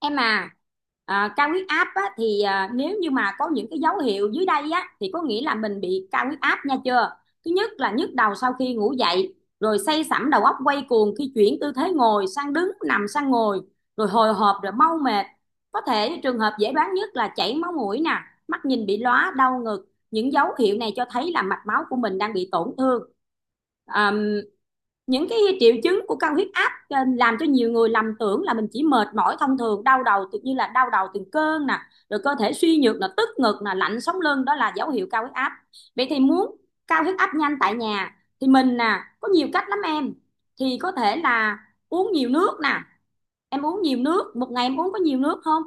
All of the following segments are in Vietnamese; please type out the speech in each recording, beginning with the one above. Em à. Cao huyết áp á, thì nếu như mà có những cái dấu hiệu dưới đây á thì có nghĩa là mình bị cao huyết áp nha chưa. Thứ nhất là nhức đầu sau khi ngủ dậy, rồi say sẩm đầu óc quay cuồng khi chuyển tư thế ngồi sang đứng, nằm sang ngồi, rồi hồi hộp, rồi mau mệt. Có thể trường hợp dễ đoán nhất là chảy máu mũi nè, mắt nhìn bị lóa, đau ngực. Những dấu hiệu này cho thấy là mạch máu của mình đang bị tổn thương. Những cái triệu chứng của cao huyết áp làm cho nhiều người lầm tưởng là mình chỉ mệt mỏi thông thường. Đau đầu tự nhiên là đau đầu từng cơn nè, rồi cơ thể suy nhược, là tức ngực, là lạnh sống lưng, đó là dấu hiệu cao huyết áp. Vậy thì muốn cao huyết áp nhanh tại nhà thì mình nè có nhiều cách lắm em. Thì có thể là uống nhiều nước nè. Em uống nhiều nước, một ngày em uống có nhiều nước không?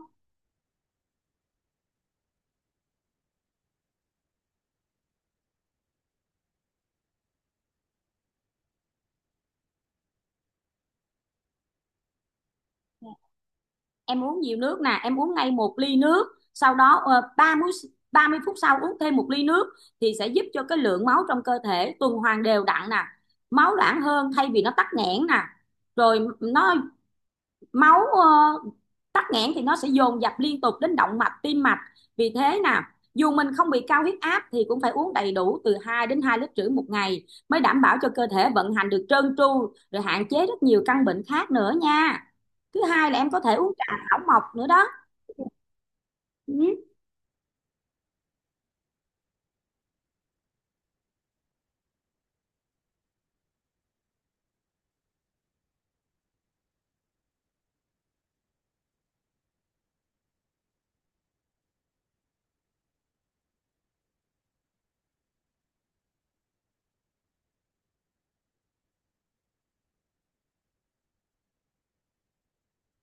Em uống nhiều nước nè, em uống ngay một ly nước, sau đó 30 phút sau uống thêm một ly nước thì sẽ giúp cho cái lượng máu trong cơ thể tuần hoàn đều đặn nè, máu loãng hơn thay vì nó tắc nghẽn nè. Rồi nó, máu, tắc nghẽn thì nó sẽ dồn dập liên tục đến động mạch, tim mạch. Vì thế nè, dù mình không bị cao huyết áp thì cũng phải uống đầy đủ từ 2 đến 2,5 lít một ngày mới đảm bảo cho cơ thể vận hành được trơn tru, rồi hạn chế rất nhiều căn bệnh khác nữa nha. Thứ hai là em có thể uống trà thảo mộc nữa đó. Ừ.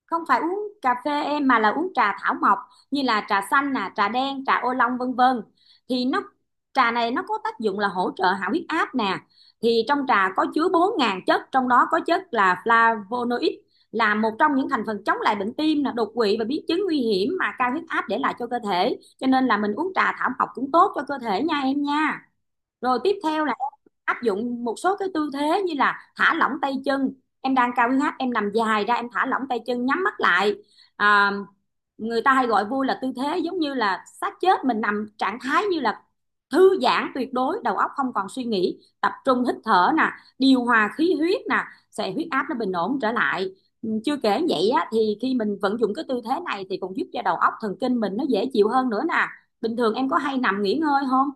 Không phải uống cà phê em, mà là uống trà thảo mộc, như là trà xanh nè, trà đen, trà ô long, vân vân. Thì nó, trà này nó có tác dụng là hỗ trợ hạ huyết áp nè. Thì trong trà có chứa 4.000 chất, trong đó có chất là flavonoid, là một trong những thành phần chống lại bệnh tim nè, đột quỵ và biến chứng nguy hiểm mà cao huyết áp để lại cho cơ thể. Cho nên là mình uống trà thảo mộc cũng tốt cho cơ thể nha em nha. Rồi tiếp theo, áp dụng một số cái tư thế như là thả lỏng tay chân. Em đang cao huyết áp, em nằm dài ra, em thả lỏng tay chân, nhắm mắt lại. à, Người ta hay gọi vui là tư thế giống như là xác chết, mình nằm trạng thái như là thư giãn tuyệt đối, đầu óc không còn suy nghĩ, tập trung hít thở nè, điều hòa khí huyết nè, sẽ huyết áp nó bình ổn trở lại. Ừ, chưa kể vậy á, thì khi mình vận dụng cái tư thế này thì còn giúp cho đầu óc thần kinh mình nó dễ chịu hơn nữa nè. Bình thường em có hay nằm nghỉ ngơi không?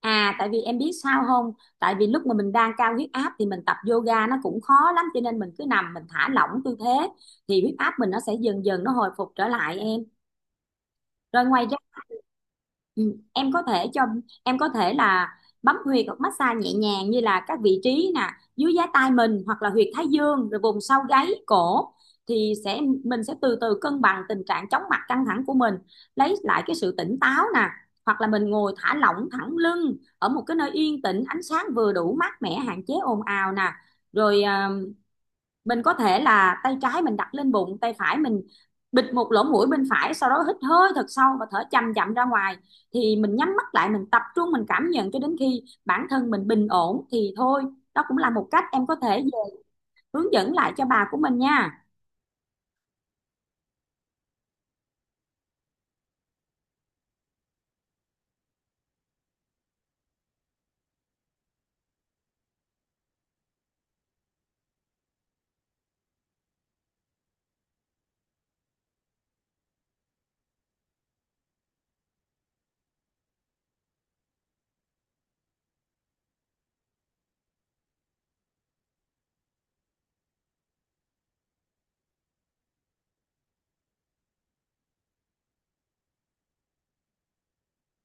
À tại vì em biết sao không? Tại vì lúc mà mình đang cao huyết áp thì mình tập yoga nó cũng khó lắm, cho nên mình cứ nằm, mình thả lỏng tư thế thì huyết áp mình nó sẽ dần dần nó hồi phục trở lại em. Rồi ngoài ra, ừ, em có thể cho em có thể là bấm huyệt hoặc massage nhẹ nhàng như là các vị trí nè, dưới giá tai mình hoặc là huyệt thái dương, rồi vùng sau gáy cổ, thì sẽ mình sẽ từ từ cân bằng tình trạng chóng mặt, căng thẳng của mình, lấy lại cái sự tỉnh táo nè. Hoặc là mình ngồi thả lỏng thẳng lưng ở một cái nơi yên tĩnh, ánh sáng vừa đủ, mát mẻ, hạn chế ồn ào nè. Rồi mình có thể là tay trái mình đặt lên bụng, tay phải mình bịt một lỗ mũi bên phải, sau đó hít hơi thật sâu và thở chậm chậm ra ngoài. Thì mình nhắm mắt lại, mình tập trung, mình cảm nhận cho đến khi bản thân mình bình ổn thì thôi. Đó cũng là một cách em có thể hướng dẫn lại cho bà của mình nha.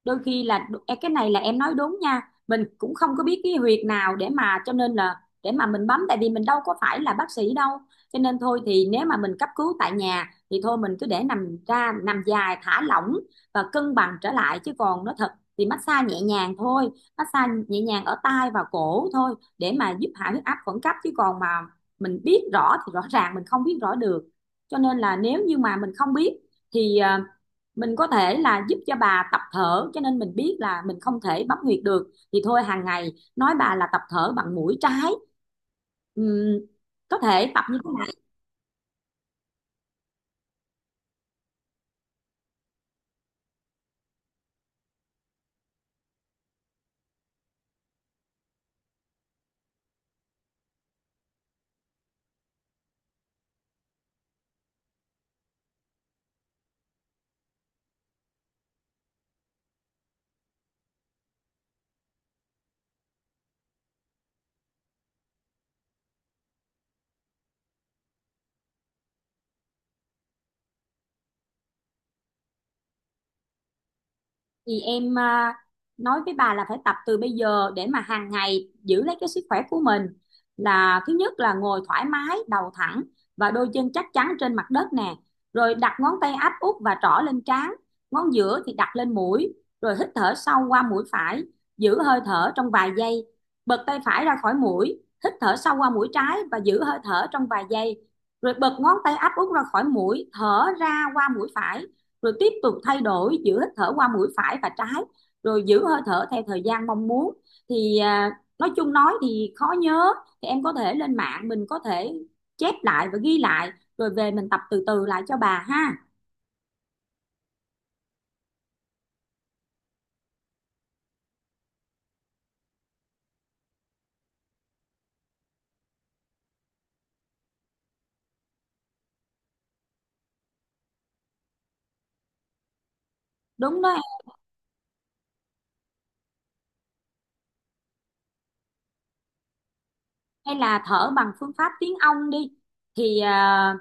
Đôi khi là cái này là em nói đúng nha, mình cũng không có biết cái huyệt nào để mà, cho nên là để mà mình bấm, tại vì mình đâu có phải là bác sĩ đâu. Cho nên thôi thì nếu mà mình cấp cứu tại nhà thì thôi mình cứ để nằm ra, nằm dài thả lỏng và cân bằng trở lại, chứ còn nó thật thì massage nhẹ nhàng thôi. Massage nhẹ nhàng ở tai và cổ thôi để mà giúp hạ huyết áp khẩn cấp, chứ còn mà mình biết rõ thì rõ ràng mình không biết rõ được. Cho nên là nếu như mà mình không biết thì mình có thể là giúp cho bà tập thở. Cho nên mình biết là mình không thể bấm huyệt được thì thôi, hàng ngày nói bà là tập thở bằng mũi trái. Ừm, có thể tập như thế. Thì em nói với bà là phải tập từ bây giờ để mà hàng ngày giữ lấy cái sức khỏe của mình. Là thứ nhất là ngồi thoải mái, đầu thẳng và đôi chân chắc chắn trên mặt đất nè, rồi đặt ngón tay áp út và trỏ lên trán, ngón giữa thì đặt lên mũi, rồi hít thở sâu qua mũi phải, giữ hơi thở trong vài giây, bật tay phải ra khỏi mũi, hít thở sâu qua mũi trái và giữ hơi thở trong vài giây, rồi bật ngón tay áp út ra khỏi mũi, thở ra qua mũi phải, rồi tiếp tục thay đổi giữa hít thở qua mũi phải và trái, rồi giữ hơi thở theo thời gian mong muốn. Thì nói chung nói thì khó nhớ, thì em có thể lên mạng, mình có thể chép lại và ghi lại, rồi về mình tập từ từ lại cho bà ha. Đúng đó. Hay là thở bằng phương pháp tiếng ong đi, thì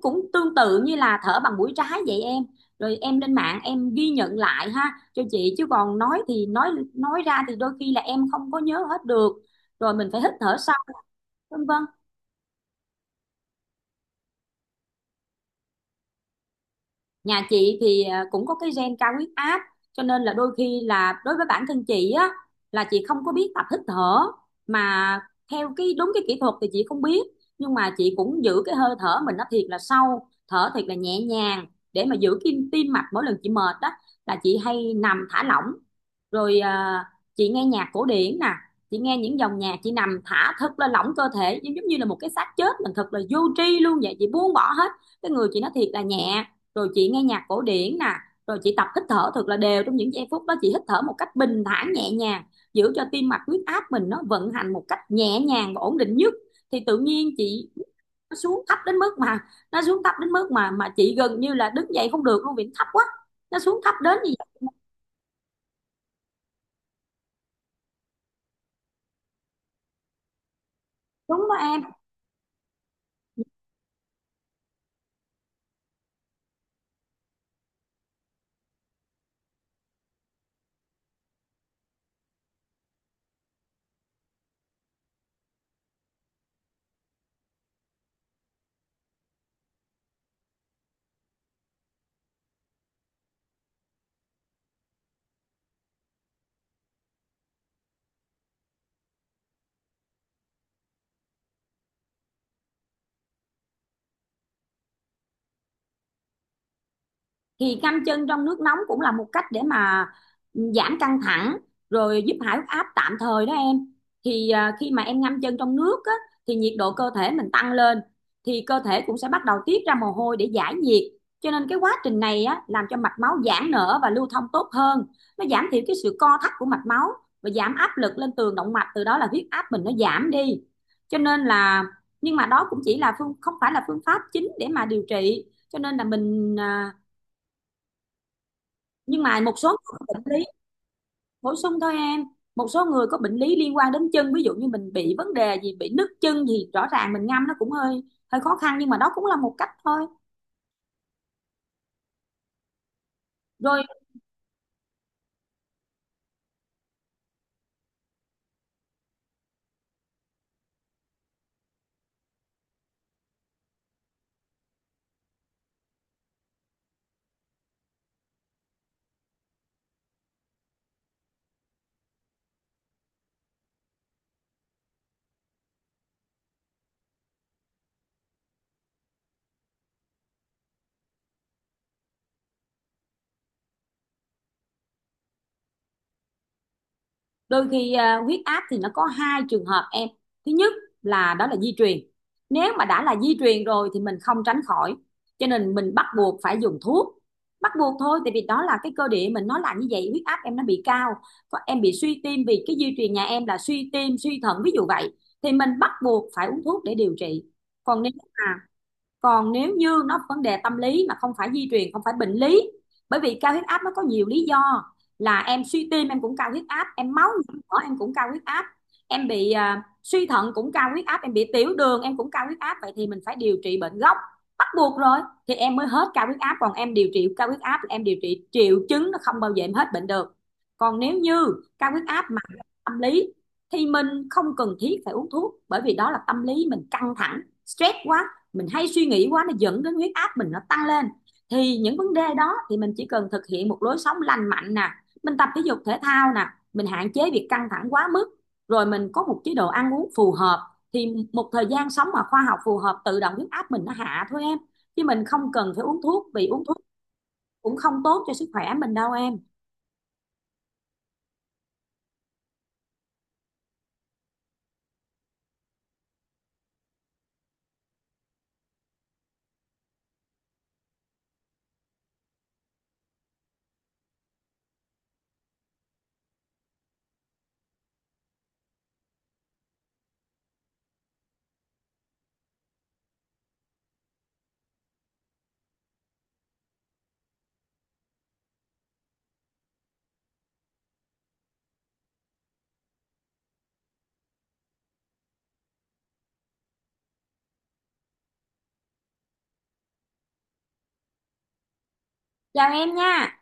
cũng tương tự như là thở bằng mũi trái vậy em. Rồi em lên mạng em ghi nhận lại ha cho chị, chứ còn nói thì nói ra thì đôi khi là em không có nhớ hết được. Rồi mình phải hít thở sâu, vân vân. Nhà chị thì cũng có cái gen cao huyết áp, cho nên là đôi khi là đối với bản thân chị á, là chị không có biết tập hít thở mà theo cái đúng cái kỹ thuật thì chị không biết. Nhưng mà chị cũng giữ cái hơi thở mình nó thiệt là sâu, thở thiệt là nhẹ nhàng để mà giữ cái tim mạch. Mỗi lần chị mệt đó là chị hay nằm thả lỏng, rồi chị nghe nhạc cổ điển nè. Chị nghe những dòng nhạc, chị nằm thả thật là lỏng cơ thể, giống giống như là một cái xác chết, mình thật là vô tri luôn vậy, chị buông bỏ hết, cái người chị nó thiệt là nhẹ. Rồi chị nghe nhạc cổ điển nè, rồi chị tập hít thở thật là đều. Trong những giây phút đó chị hít thở một cách bình thản, nhẹ nhàng, giữ cho tim mạch, huyết áp mình nó vận hành một cách nhẹ nhàng và ổn định nhất. Thì tự nhiên chị, nó xuống thấp đến mức mà, nó xuống thấp đến mức mà chị gần như là đứng dậy không được luôn vì nó thấp quá. Nó xuống thấp đến như vậy. Đúng đó em. Thì ngâm chân trong nước nóng cũng là một cách để mà giảm căng thẳng, rồi giúp hạ huyết áp tạm thời đó em. Thì khi mà em ngâm chân trong nước á, thì nhiệt độ cơ thể mình tăng lên, thì cơ thể cũng sẽ bắt đầu tiết ra mồ hôi để giải nhiệt. Cho nên cái quá trình này á, làm cho mạch máu giãn nở và lưu thông tốt hơn, nó giảm thiểu cái sự co thắt của mạch máu và giảm áp lực lên tường động mạch, từ đó là huyết áp mình nó giảm đi. Cho nên là, nhưng mà đó cũng chỉ là phương, không phải là phương pháp chính để mà điều trị, cho nên là mình nhưng mà một số người có bệnh lý, bổ sung thôi em. Một số người có bệnh lý liên quan đến chân, ví dụ như mình bị vấn đề gì, bị nứt chân gì, rõ ràng mình ngâm nó cũng hơi hơi khó khăn, nhưng mà đó cũng là một cách thôi. Rồi, đôi khi huyết áp thì nó có 2 trường hợp em. Thứ nhất là đó là di truyền. Nếu mà đã là di truyền rồi thì mình không tránh khỏi, cho nên mình bắt buộc phải dùng thuốc, bắt buộc thôi. Tại vì đó là cái cơ địa mình nó là như vậy, huyết áp em nó bị cao, em bị suy tim vì cái di truyền nhà em là suy tim, suy thận ví dụ vậy, thì mình bắt buộc phải uống thuốc để điều trị. Còn nếu mà, còn nếu như nó vấn đề tâm lý mà không phải di truyền, không phải bệnh lý, bởi vì cao huyết áp nó có nhiều lý do. Là em suy tim em cũng cao huyết áp, em máu nhiễm mỡ em cũng cao huyết áp, em bị suy thận cũng cao huyết áp, em bị tiểu đường em cũng cao huyết áp, vậy thì mình phải điều trị bệnh gốc, bắt buộc rồi, thì em mới hết cao huyết áp. Còn em điều trị cao huyết áp là em điều trị triệu chứng, nó không bao giờ em hết bệnh được. Còn nếu như cao huyết áp mà tâm lý thì mình không cần thiết phải uống thuốc, bởi vì đó là tâm lý mình căng thẳng, stress quá, mình hay suy nghĩ quá, nó dẫn đến huyết áp mình nó tăng lên. Thì những vấn đề đó thì mình chỉ cần thực hiện một lối sống lành mạnh nè, mình tập thể dục thể thao nè, mình hạn chế việc căng thẳng quá mức, rồi mình có một chế độ ăn uống phù hợp, thì một thời gian sống mà khoa học phù hợp, tự động huyết áp mình nó hạ thôi em. Chứ mình không cần phải uống thuốc, vì uống thuốc cũng không tốt cho sức khỏe mình đâu em. Chào em nha.